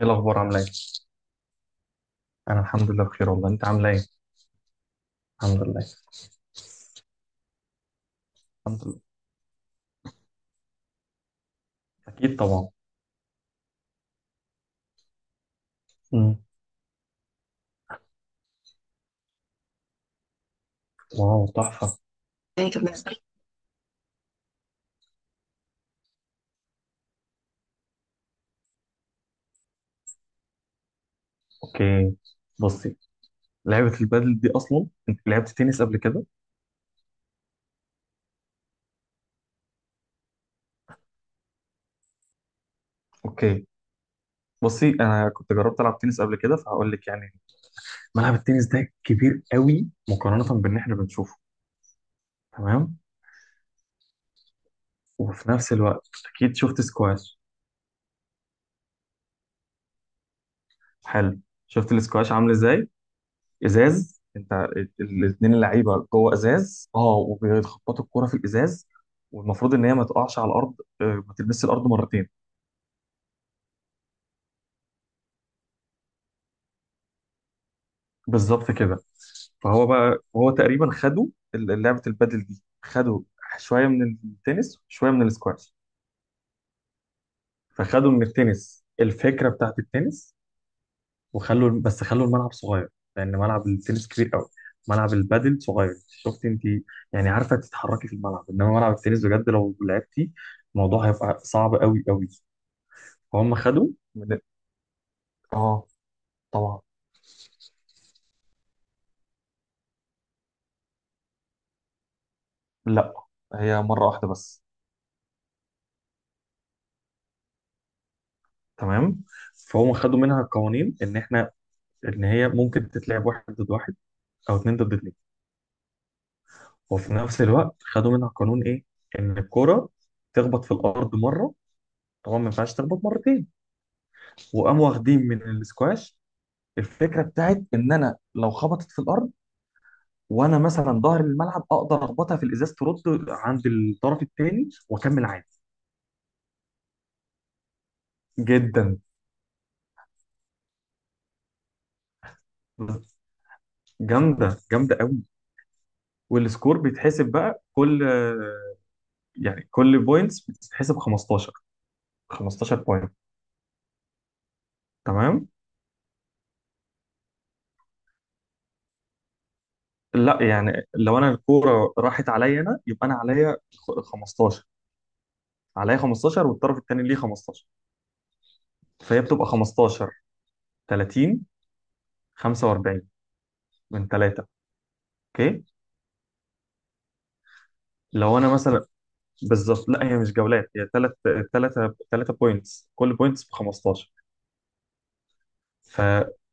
ايه الاخبار؟ عامله ايه؟ انا الحمد لله بخير والله. انت عامله ايه؟ الحمد لله. الحمد لله. اكيد طبعا. مم. واو، تحفه. اوكي. بصي، لعبه البادل دي اصلا انت لعبت تنس قبل كده؟ اوكي. بصي، انا كنت جربت العب تنس قبل كده فهقول لك يعني. ملعب التنس ده كبير قوي مقارنه باللي احنا بنشوفه. تمام. وفي نفس الوقت، اكيد شفت سكواش؟ حلو. شفت السكواش عامل ازاي؟ ازاز، انت. الاثنين اللعيبه جوه ازاز، اه، وبيخبطوا الكوره في الازاز. والمفروض ان هي ما تقعش على الارض. آه، ما تلمسش الارض مرتين. بالظبط كده. فهو بقى هو تقريبا خدوا لعبه البادل دي خدوا شويه من التنس، شويه من السكواش. فخدوا من التنس الفكره بتاعت التنس، وخلوا بس خلوا الملعب صغير، لان ملعب التنس كبير قوي. ملعب البادل صغير، شفت انت؟ يعني عارفه تتحركي في الملعب، انما ملعب التنس بجد لو لعبتي الموضوع هيبقى صعب قوي قوي. فهم خدوا من، اه، طبعا. لا، هي مرة واحدة بس. تمام. فهم خدوا منها قوانين، ان احنا ان هي ممكن تتلعب واحد ضد واحد او اتنين ضد اتنين. وفي نفس الوقت خدوا منها قانون ايه؟ ان الكرة تخبط في الارض مره، طبعا ما ينفعش تخبط مرتين. وقاموا واخدين من السكواش الفكره بتاعت ان انا لو خبطت في الارض وانا مثلا ظهر الملعب اقدر اخبطها في الازاز ترد عند الطرف الثاني واكمل عادي. جدا. جامده جامده قوي. والسكور بيتحسب بقى كل، يعني كل بوينتس بتتحسب 15، 15 بوينت. تمام. لا، يعني لو انا الكوره راحت عليا انا يبقى انا عليا 15. عليا 15 والطرف الثاني ليه 15. فهي بتبقى 15، 30، 45 من ثلاثه. اوكي. لو انا مثلا، بالظبط. لا، هي مش جولات، هي ثلاث، ثلاثة بوينتس، كل بوينتس ب 15. فلو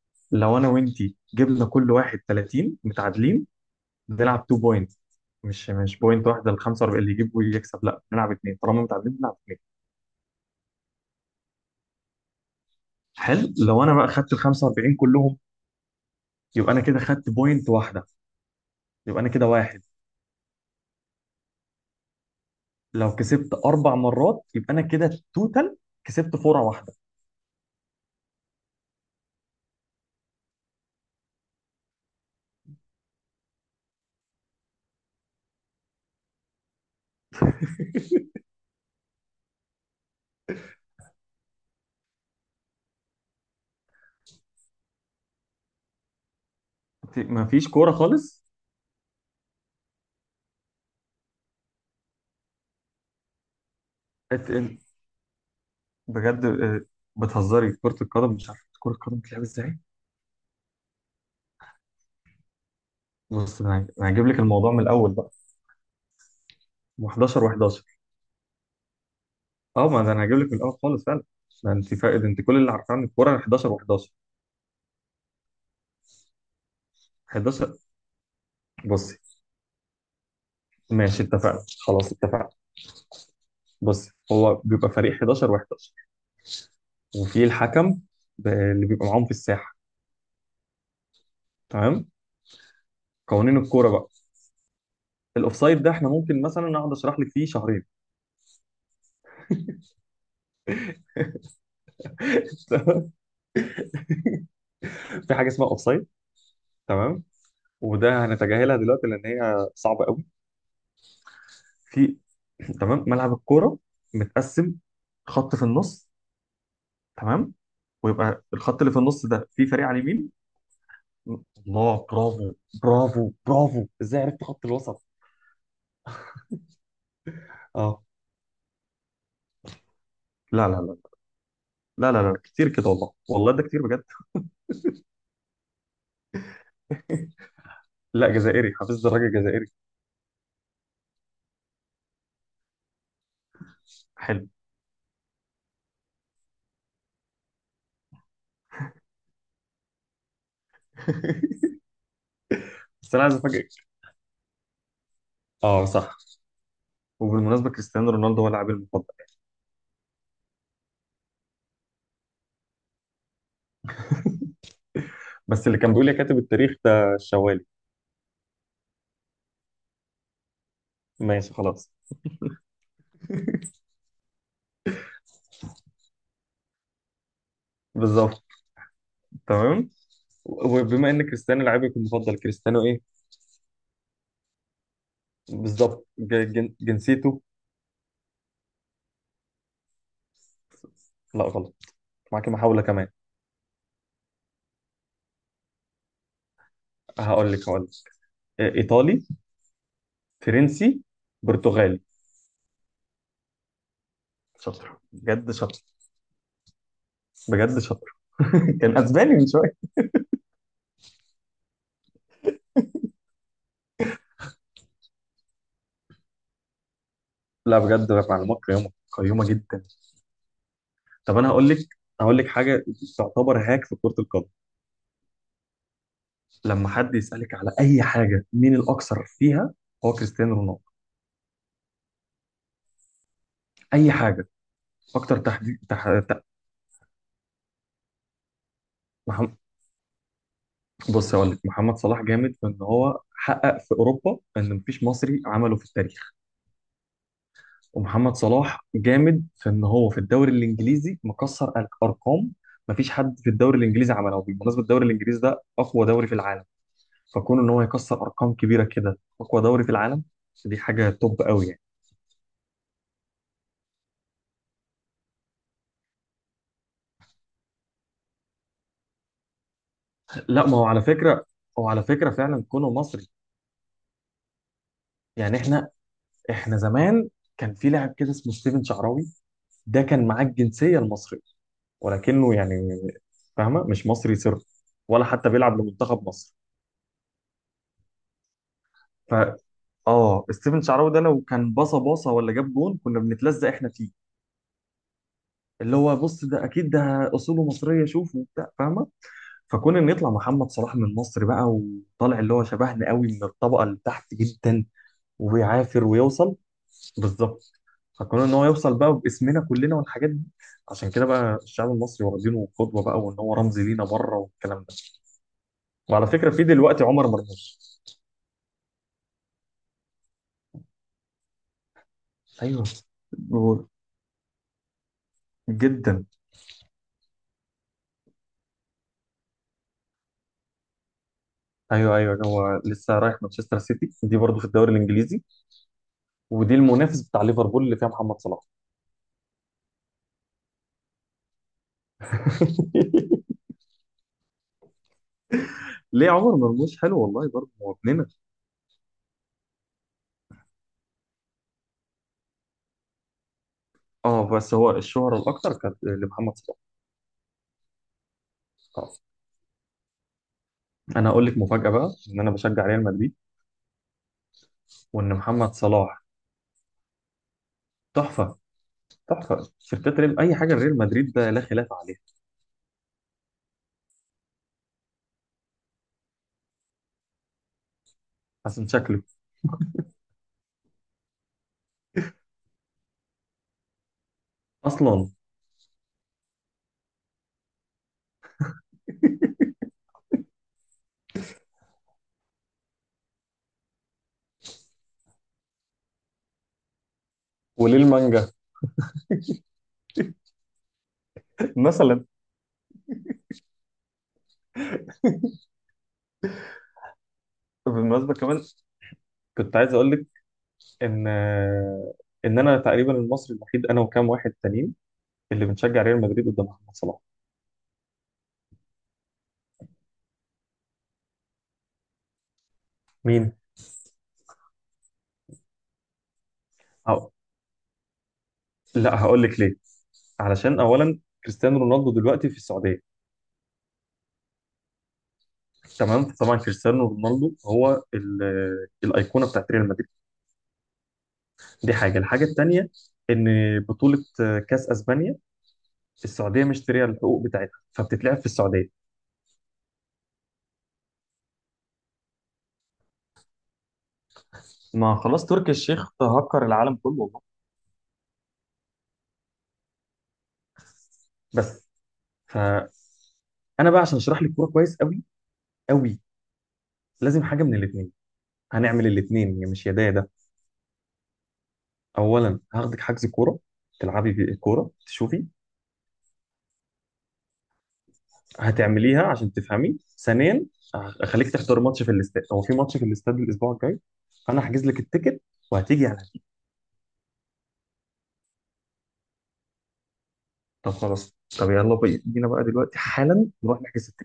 انا وانتي جبنا كل واحد 30 متعادلين، بنلعب 2 بوينتس. مش بوينت واحدة ال 45 اللي يجيب ويكسب. لا، بنلعب اثنين طالما متعادلين، بنلعب اثنين. حلو. لو انا بقى خدت ال 45 كلهم، يبقى انا كده خدت بوينت واحدة. يبقى انا كده واحد. لو كسبت اربع مرات يبقى انا كده توتال كسبت فورة واحدة. ما فيش كورة خالص. بجد؟ آه، بتهزري؟ كرة القدم مش عارف كرة القدم بتلعب ازاي؟ بص، انا هجيب لك الموضوع من الاول بقى. 11 و11. اه، ما ده انا هجيب لك من الاول خالص فعلا. ما انت فاقد، انت كل اللي عارفاه عن الكوره 11 و11. 11. بصي. ماشي، اتفقنا، خلاص، اتفقنا. بصي، هو بيبقى فريق 11 و11، وفي الحكم اللي بيبقى معاهم في الساحه. تمام. قوانين الكوره بقى، الاوفسايد ده احنا ممكن مثلا اقعد اشرح لك فيه شهرين. في حاجه اسمها اوفسايد، تمام، وده هنتجاهلها دلوقتي لان هي صعبه قوي. في، تمام. ملعب الكوره متقسم، خط في النص. تمام. ويبقى الخط اللي في النص ده فيه فريق على اليمين. الله، برافو. برافو برافو، ازاي عرفت خط الوسط؟ اه. لا لا لا لا لا لا، كتير كده، والله والله ده كتير بجد. لا، جزائري، حفظت الراجل جزائري. حلو. بس انا عايز افاجئك. اه، صح. وبالمناسبه كريستيانو رونالدو هو لاعبي المفضل. بس اللي كان بيقول لي كاتب التاريخ ده الشوالي. ماشي، خلاص. بالظبط. تمام. وبما ان كريستيانو لاعبك المفضل، كريستيانو ايه؟ بالظبط. جنسيته؟ لا، غلط. معاك محاولة كمان. هقول لك. آه، إيطالي؟ فرنسي؟ برتغالي؟ شاطر، بجد شاطر، بجد شاطر. كان اسباني من شويه. لا، بجد معلومات قيمه قيمه جدا. طب انا هقول لك، هقول لك حاجه. تعتبر هاك في كره القدم. لما حد يسالك على اي حاجه مين الاكثر فيها، هو كريستيانو رونالدو. اي حاجه. اكتر تحديد، محمد... بص، هقول لك، محمد صلاح جامد في ان هو حقق في اوروبا ان مفيش مصري عمله في التاريخ. ومحمد صلاح جامد في ان هو في الدوري الانجليزي مكسر ارقام. مفيش حد في الدوري الانجليزي عملها، وبالمناسبه الدوري الانجليزي ده اقوى دوري في العالم. فكون ان هو يكسر ارقام كبيره كده اقوى دوري في العالم، دي حاجه توب قوي يعني. لا، ما هو على فكره، هو على فكره فعلا كونه مصري. يعني احنا زمان كان في لاعب كده اسمه ستيفن شعراوي. ده كان معاه الجنسيه المصريه، ولكنه يعني، فاهمه، مش مصري صرف، ولا حتى بيلعب لمنتخب مصر. ف، اه، ستيفن شعراوي ده لو كان باصه باصه ولا جاب جون كنا بنتلزق احنا فيه. اللي هو بص، ده اكيد ده اصوله مصريه، شوف وبتاع، فاهمه. فكون ان يطلع محمد صلاح من مصر بقى، وطالع اللي هو شبهنا قوي من الطبقه اللي تحت جدا، وبيعافر ويوصل. بالظبط. فكون ان هو يوصل بقى باسمنا كلنا والحاجات دي، عشان كده بقى الشعب المصري واخدينه قدوه بقى، وان هو رمز لينا بره، والكلام ده. وعلى فكره في دلوقتي عمر مرموش. ايوه. جدا. ايوه ايوه، هو لسه رايح مانشستر سيتي، دي برضه في الدوري الانجليزي، ودي المنافس بتاع ليفربول اللي فيها محمد صلاح. ليه عمر مرموش حلو والله برضه هو ابننا. اه، بس هو الشهرة الاكتر كانت لمحمد صلاح. آه. انا اقول لك مفاجأة بقى، ان انا بشجع ريال مدريد، وان محمد صلاح. تحفة. تحفة، شركات ريال، اي حاجة ريال مدريد ده لا خلاف عليها. حسن شكله اصلا. وليه المانجا؟ مثلا. بالمناسبة كمان كنت عايز اقول لك ان ان انا تقريبا المصري الوحيد انا وكام واحد تانيين اللي بنشجع ريال مدريد قدام محمد صلاح. مين؟ أو... لا، هقول لك ليه. علشان اولا كريستيانو رونالدو دلوقتي في السعوديه. تمام. طبعا كريستيانو رونالدو هو الايقونه بتاعت ريال مدريد، دي حاجه. الحاجه الثانيه ان بطوله كاس اسبانيا، السعوديه مشتريه الحقوق بتاعتها فبتتلعب في السعوديه. ما خلاص، تركي الشيخ تهكر العالم كله والله. بس، فانا بقى، عشان اشرح لك الكوره كويس قوي قوي، لازم حاجه من الاثنين. هنعمل الاثنين، مش يا ده يا ده. اولا، هاخدك حجز كوره، تلعبي بالكوره تشوفي، هتعمليها عشان تفهمي. ثانيا، اخليك تحضر ماتش في الاستاد. هو في ماتش في الاستاد الاسبوع الجاي. انا هحجز لك التيكت وهتيجي على، طب خلاص، طب يلا، بينا بقى دلوقتي حالا نروح نحجز.